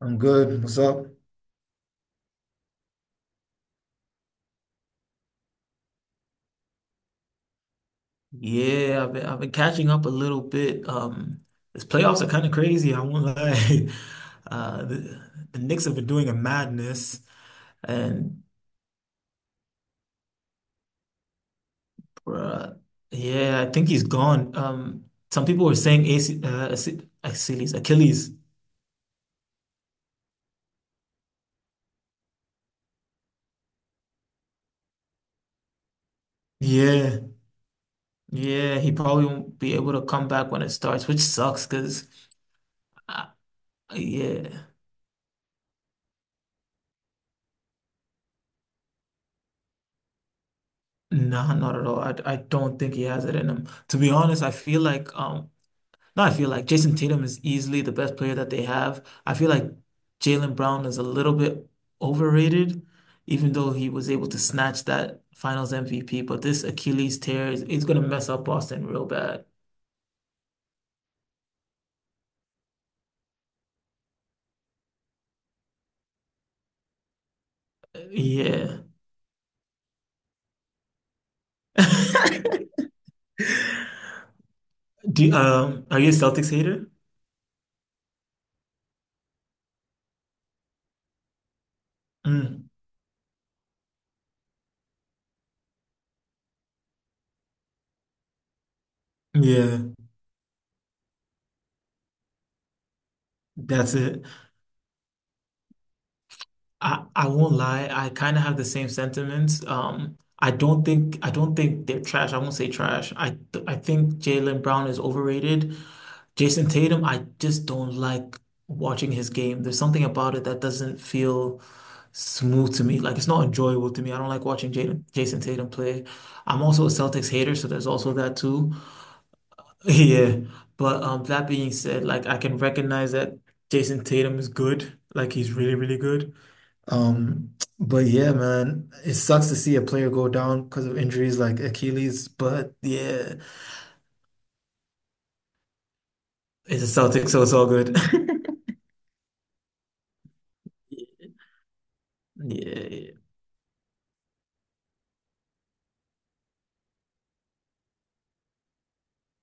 I'm good. What's up? Yeah, I've been catching up a little bit. This playoffs are kind of crazy. I won't lie. Uh, the, the Knicks have been doing a madness, and bruh, yeah, I think he's gone. Some people were saying AC, Achilles. Yeah, yeah, he probably won't be able to come back when it starts, which sucks. Cause uh, yeah, nah, not at all. I don't think he has it in him. To be honest, I feel like. No, I feel like Jason Tatum is easily the best player that they have. I feel like Jaylen Brown is a little bit overrated, even though he was able to snatch that Finals MVP. But this Achilles tear is going to mess up Boston real bad. Yeah. Do are you a Celtics hater? Mm, yeah, that's it. I won't lie. I kind of have the same sentiments. I don't think they're trash. I won't say trash. I think Jaylen Brown is overrated. Jason Tatum, I just don't like watching his game. There's something about it that doesn't feel smooth to me. Like it's not enjoyable to me. I don't like watching Jason Tatum play. I'm also a Celtics hater, so there's also that too. Yeah. But that being said, like I can recognize that Jason Tatum is good. Like he's really, really good. Um, but yeah, man, it sucks to see a player go down because of injuries like Achilles, but yeah, it's a Celtics, so it's all good. Yeah.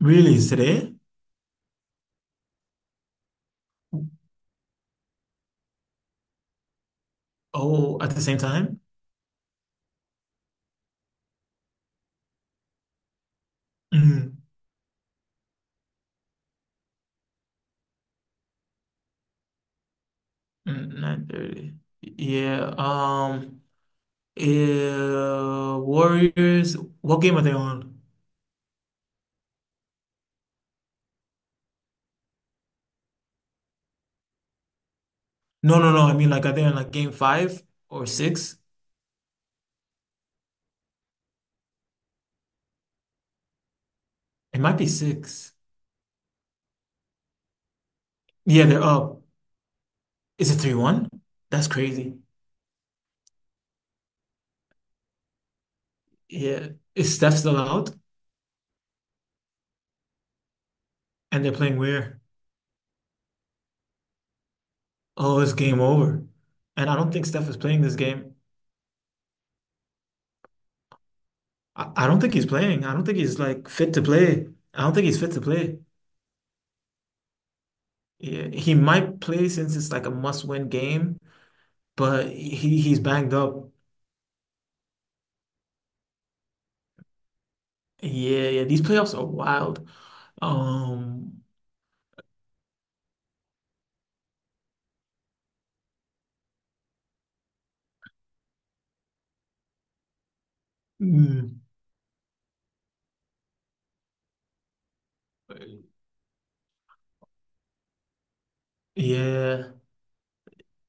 Really, today? Oh, at the same time? Mm, 9:30. Yeah. Warriors. What game are they on? No, no, no. I mean, like, are they on like game five or six? It might be six. Yeah, they're up. Is it 3-1? That's crazy. Yeah. Is Steph still out? And they're playing where? Oh, it's game over. And I don't think Steph is playing this game. I don't think he's playing. I don't think he's like fit to play. I don't think he's fit to play. Yeah, he might play since it's like a must-win game, but he's banged up. Yeah, yeah, these playoffs are wild. Um, mm, yeah,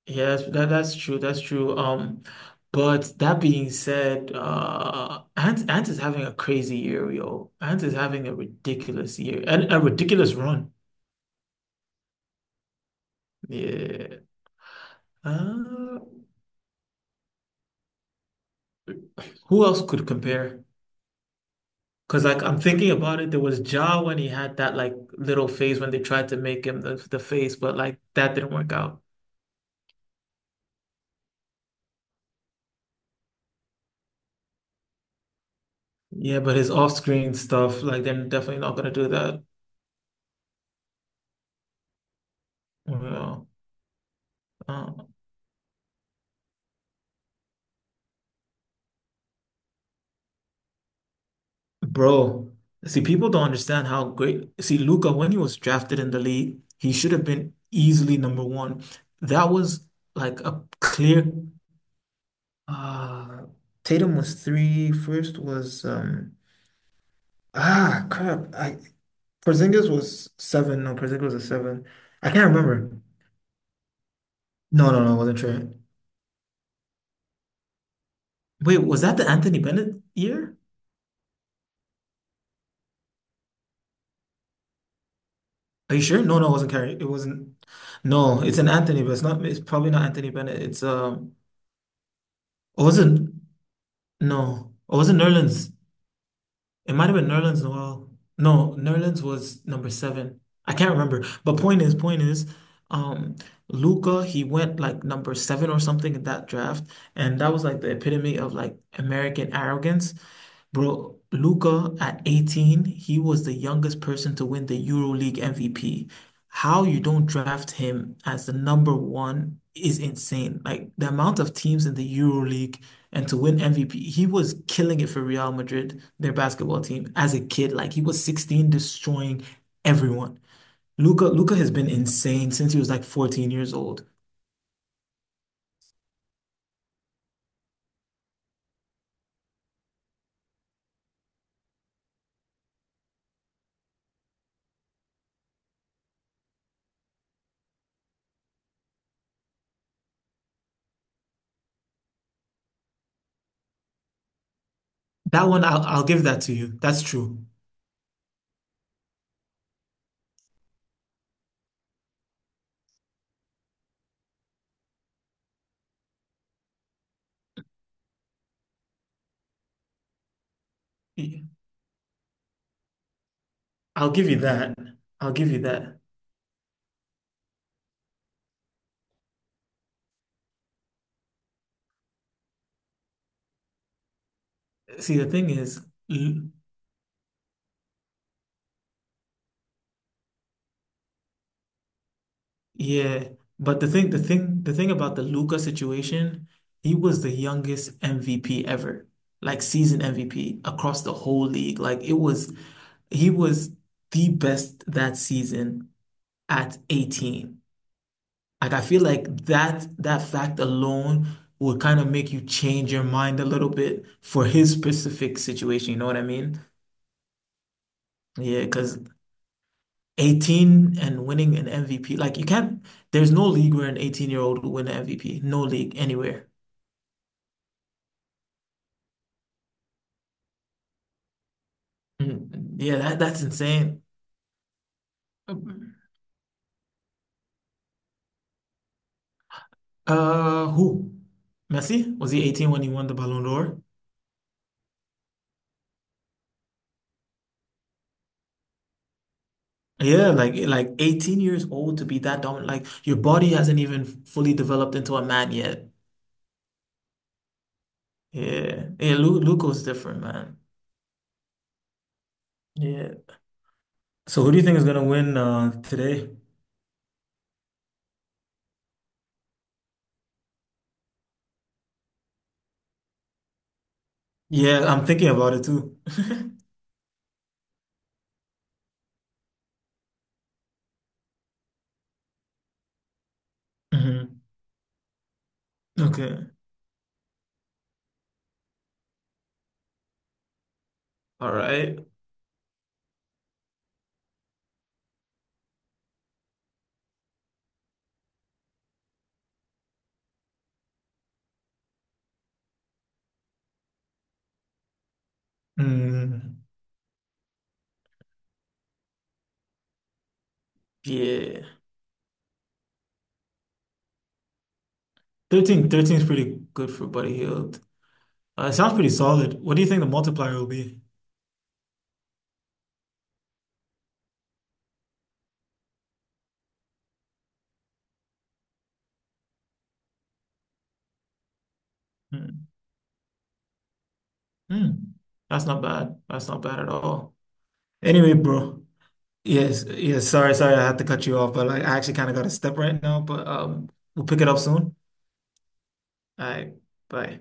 yeah, that's true. That's true. But that being said, Ant is having a crazy year, yo. Ant is having a ridiculous year and a ridiculous run. Yeah. Uh, who else could compare? Because like I'm thinking about it, there was Ja when he had that like little phase when they tried to make him the face, but like that didn't work out. Yeah, but his off-screen stuff, like they're definitely not gonna do that. You know. Uh, bro, see, people don't understand how great. See, Luca, when he was drafted in the league, he should have been easily number one. That was like a clear. Uh, Tatum was three. First was. Ah, crap. I Porzingis was seven. No, Porzingis was a seven. I can't remember. No, no, no, it wasn't Trey. Wait, was that the Anthony Bennett year? Are you sure? No, no, it wasn't Carey. It wasn't. No, it's an Anthony, but it's not. It's probably not Anthony Bennett. It's. It wasn't. No, it wasn't Nerlens. It might have been Nerlens Noel. No, Nerlens was number seven. I can't remember. But point is, um, Luca, he went like number seven or something in that draft, and that was like the epitome of like American arrogance. Bro, Luca at 18, he was the youngest person to win the EuroLeague MVP. How you don't draft him as the number one is insane. Like the amount of teams in the EuroLeague and to win MVP, he was killing it for Real Madrid, their basketball team, as a kid. Like he was 16, destroying everyone. Luca has been insane since he was like 14 years old. That one, I'll give that to you. That's true. I'll give you that. I'll give you that. See, the thing is, L- yeah, but the thing about the Luca situation, he was the youngest MVP ever, like season MVP across the whole league. Like he was the best that season at 18. Like I feel like that fact alone would kind of make you change your mind a little bit for his specific situation. You know what I mean? Yeah, because 18 and winning an MVP. Like you can't, there's no league where an 18-year-old will win an MVP. No league anywhere. Mm, yeah, that's insane. Uh, who? Messi? Was he 18 when he won the Ballon d'Or? Yeah, like 18 years old to be that dominant. Like your body hasn't even fully developed into a man yet. Yeah. Yeah, Lu Luka's different, man. Yeah. So who do you think is gonna win today? Yeah, I'm thinking about it too. Hmm. Okay. All right. Mm, yeah. 13 is pretty good for Buddy Hield. It sounds pretty solid. What do you think the multiplier will be? Mm. Mm. That's not bad. That's not bad at all. Anyway, bro. Yes, yes, sorry, sorry, I had to cut you off, but like I actually kind of got a step right now, but we'll pick it up soon. All right, bye.